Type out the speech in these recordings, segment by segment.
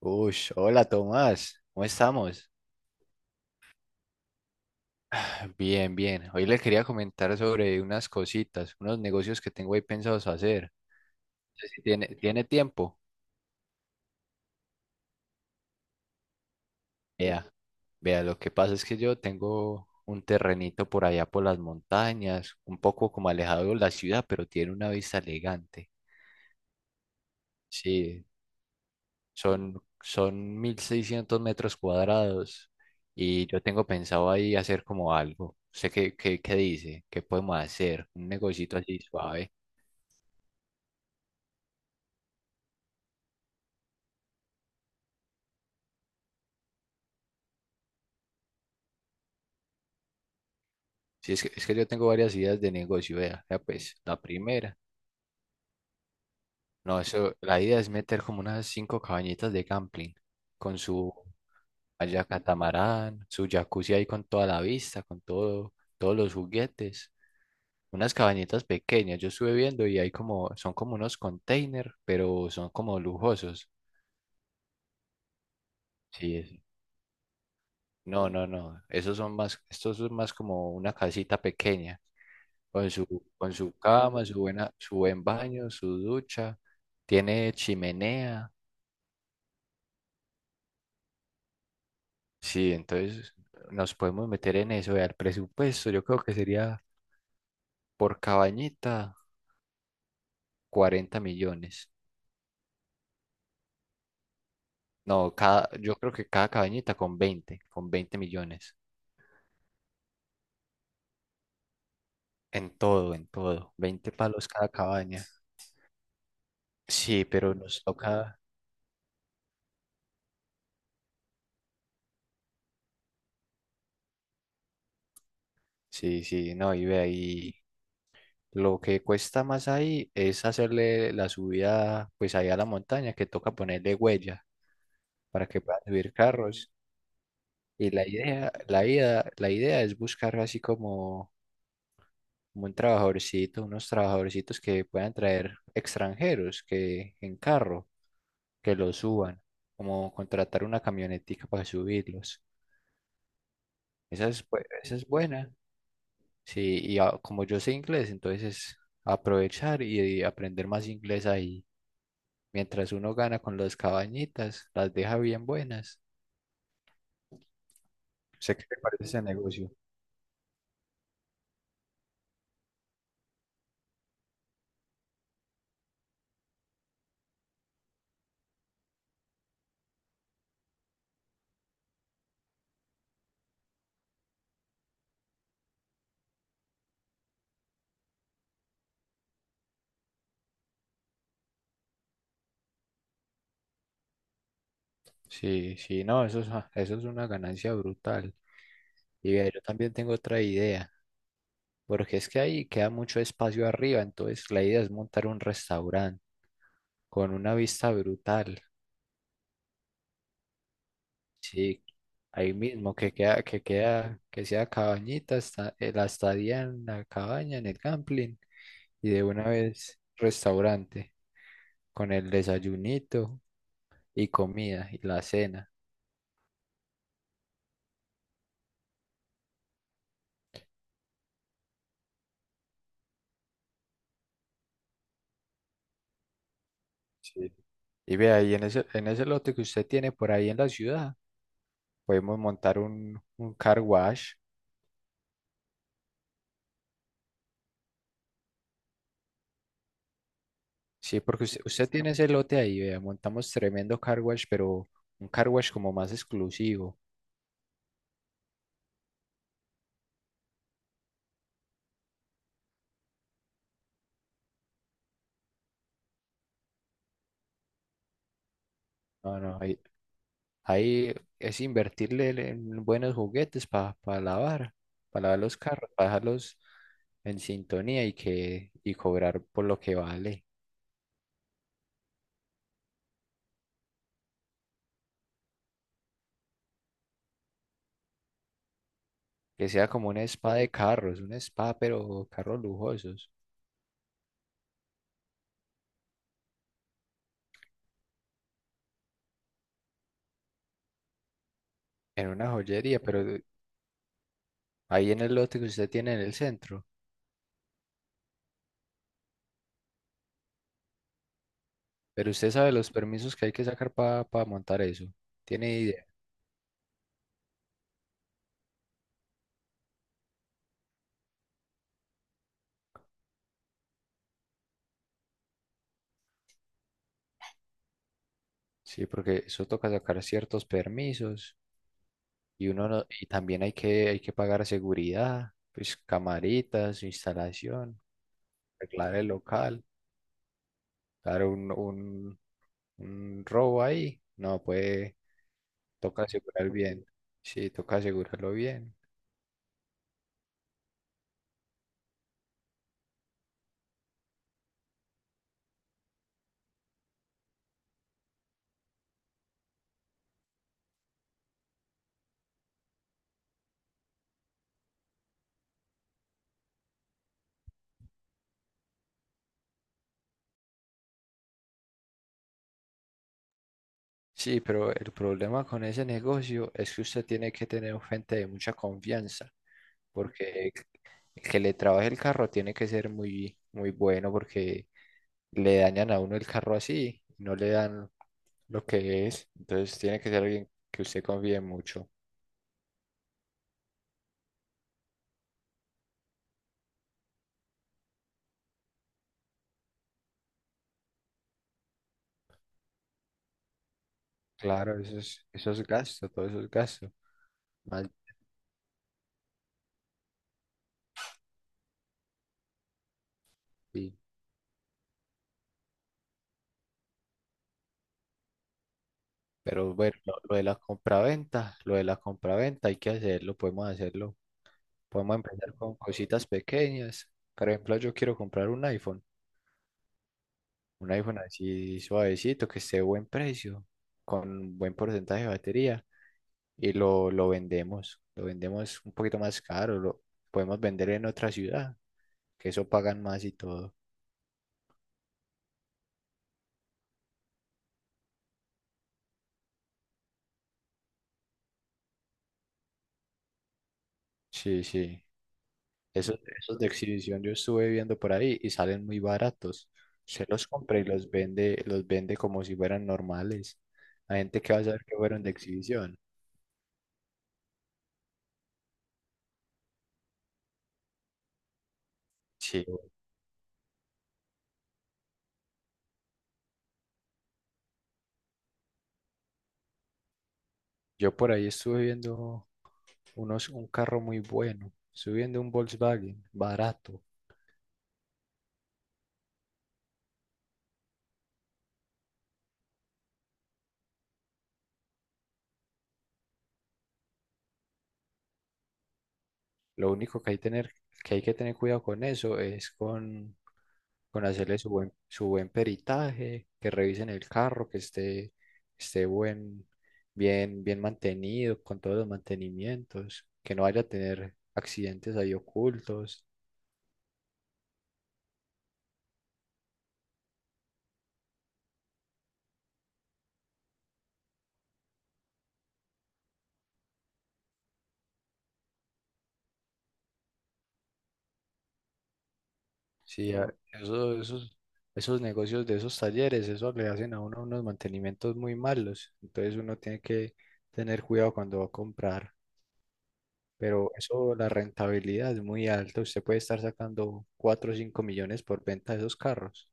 Uy, hola Tomás, ¿cómo estamos? Bien, bien. Hoy le quería comentar sobre unas cositas, unos negocios que tengo ahí pensados hacer. No sé si ¿tiene tiempo? Vea, vea, lo que pasa es que yo tengo un terrenito por allá por las montañas, un poco como alejado de la ciudad, pero tiene una vista elegante. Sí, son 1.600 metros cuadrados y yo tengo pensado ahí hacer como algo. ¿Sé qué dice? ¿Qué podemos hacer? Un negocito así suave. Sí, es que yo tengo varias ideas de negocio, vea. Vea, pues, la primera. No, eso, la idea es meter como unas cinco cabañitas de camping con su allá catamarán, su jacuzzi ahí con toda la vista, con todo, todos los juguetes. Unas cabañitas pequeñas, yo estuve viendo y hay como, son como unos containers, pero son como lujosos. Sí, es- no, no, no, esos son más, estos son más como una casita pequeña. con su, con su cama, su buena, su buen baño, su ducha, tiene chimenea. Sí, entonces nos podemos meter en eso. Vea, el presupuesto, yo creo que sería por cabañita 40 millones. No, cada, yo creo que cada cabañita con veinte millones. En todo, en todo. 20 palos cada cabaña. Sí, pero nos toca. Sí, sí, no, y ve ahí. Lo que cuesta más ahí es hacerle la subida, pues ahí a la montaña, que toca ponerle huella para que puedan subir carros. Y la idea es buscar así como un trabajadorcito, unos trabajadorcitos que puedan traer extranjeros que en carro, que los suban, como contratar una camionetica para subirlos. Esa es buena. Sí, y ah, como yo sé inglés, entonces aprovechar y aprender más inglés ahí. Mientras uno gana con las cabañitas, las deja bien buenas. Sé que te parece ese negocio. Sí, sí, no, eso es una ganancia brutal. Y vea, yo también tengo otra idea, porque es que ahí queda mucho espacio arriba, entonces la idea es montar un restaurante con una vista brutal. Sí, ahí mismo que sea cabañita, la estadía en la cabaña, en el camping, y de una vez restaurante con el desayunito y comida y la cena. Sí. Y ve ahí en ese lote que usted tiene por ahí en la ciudad, podemos montar un car wash. Sí, porque usted tiene ese lote ahí, vea, montamos tremendo car wash, pero un car wash como más exclusivo. No, no, ahí es invertirle en buenos juguetes lavar, para lavar los carros, para dejarlos en sintonía y cobrar por lo que vale. Que sea como un spa de carros, un spa, pero carros lujosos, en una joyería, pero ahí en el lote que usted tiene en el centro. Pero usted sabe los permisos que hay que sacar para montar eso. ¿Tiene idea? Sí, porque eso toca sacar ciertos permisos y uno no- y también hay que pagar seguridad, pues camaritas, instalación, arreglar el local, dar un robo ahí. No, puede, toca asegurar bien. Sí, toca asegurarlo bien. Sí, pero el problema con ese negocio es que usted tiene que tener gente de mucha confianza. Porque que le trabaje el carro tiene que ser muy, muy bueno porque le dañan a uno el carro así, no le dan lo que es. Entonces tiene que ser alguien que usted confíe mucho. Claro, eso es gasto, todo eso es gasto. Mal, sí. Pero bueno, lo de la compraventa, lo de la compraventa hay que hacerlo. Podemos empezar con cositas pequeñas. Por ejemplo, yo quiero comprar un iPhone así suavecito, que esté a buen precio, con buen porcentaje de batería. Y lo vendemos, lo vendemos un poquito más caro, lo podemos vender en otra ciudad, que eso pagan más y todo. Sí, sí. Esos de exhibición yo estuve viendo por ahí y salen muy baratos. Se los compra y los vende como si fueran normales. La gente que va a saber que fueron de exhibición. Sí, yo por ahí estuve viendo unos, un carro muy bueno. Estuve viendo un Volkswagen barato. Lo único que hay, tener, que hay que tener cuidado con eso es con hacerle su buen peritaje, que revisen el carro, que esté bien, bien mantenido, con todos los mantenimientos, que no vaya a tener accidentes ahí ocultos. Sí, eso- esos, esos negocios de esos talleres, eso le hacen a uno unos mantenimientos muy malos. Entonces uno tiene que tener cuidado cuando va a comprar. Pero eso, la rentabilidad es muy alta. Usted puede estar sacando 4 o 5 millones por venta de esos carros.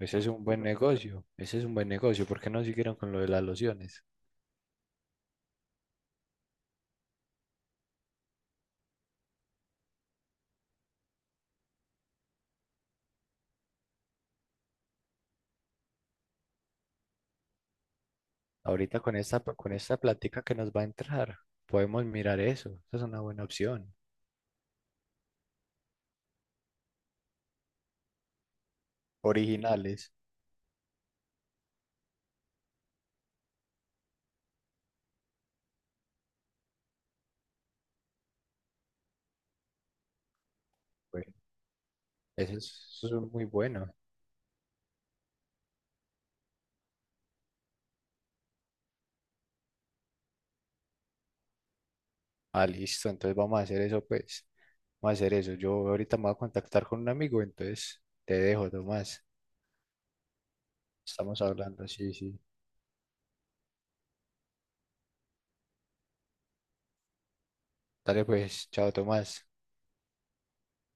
Ese es un buen negocio. Ese es un buen negocio. ¿Por qué no siguieron con lo de las lociones? Ahorita con esta plática que nos va a entrar, podemos mirar eso. Esa es una buena opción. Originales. Bueno, eso es muy bueno. Ah, listo. Entonces vamos a hacer eso, pues. Vamos a hacer eso. Yo ahorita me voy a contactar con un amigo, entonces te dejo, Tomás. Estamos hablando. Sí, sí. Dale, pues. Chao, Tomás.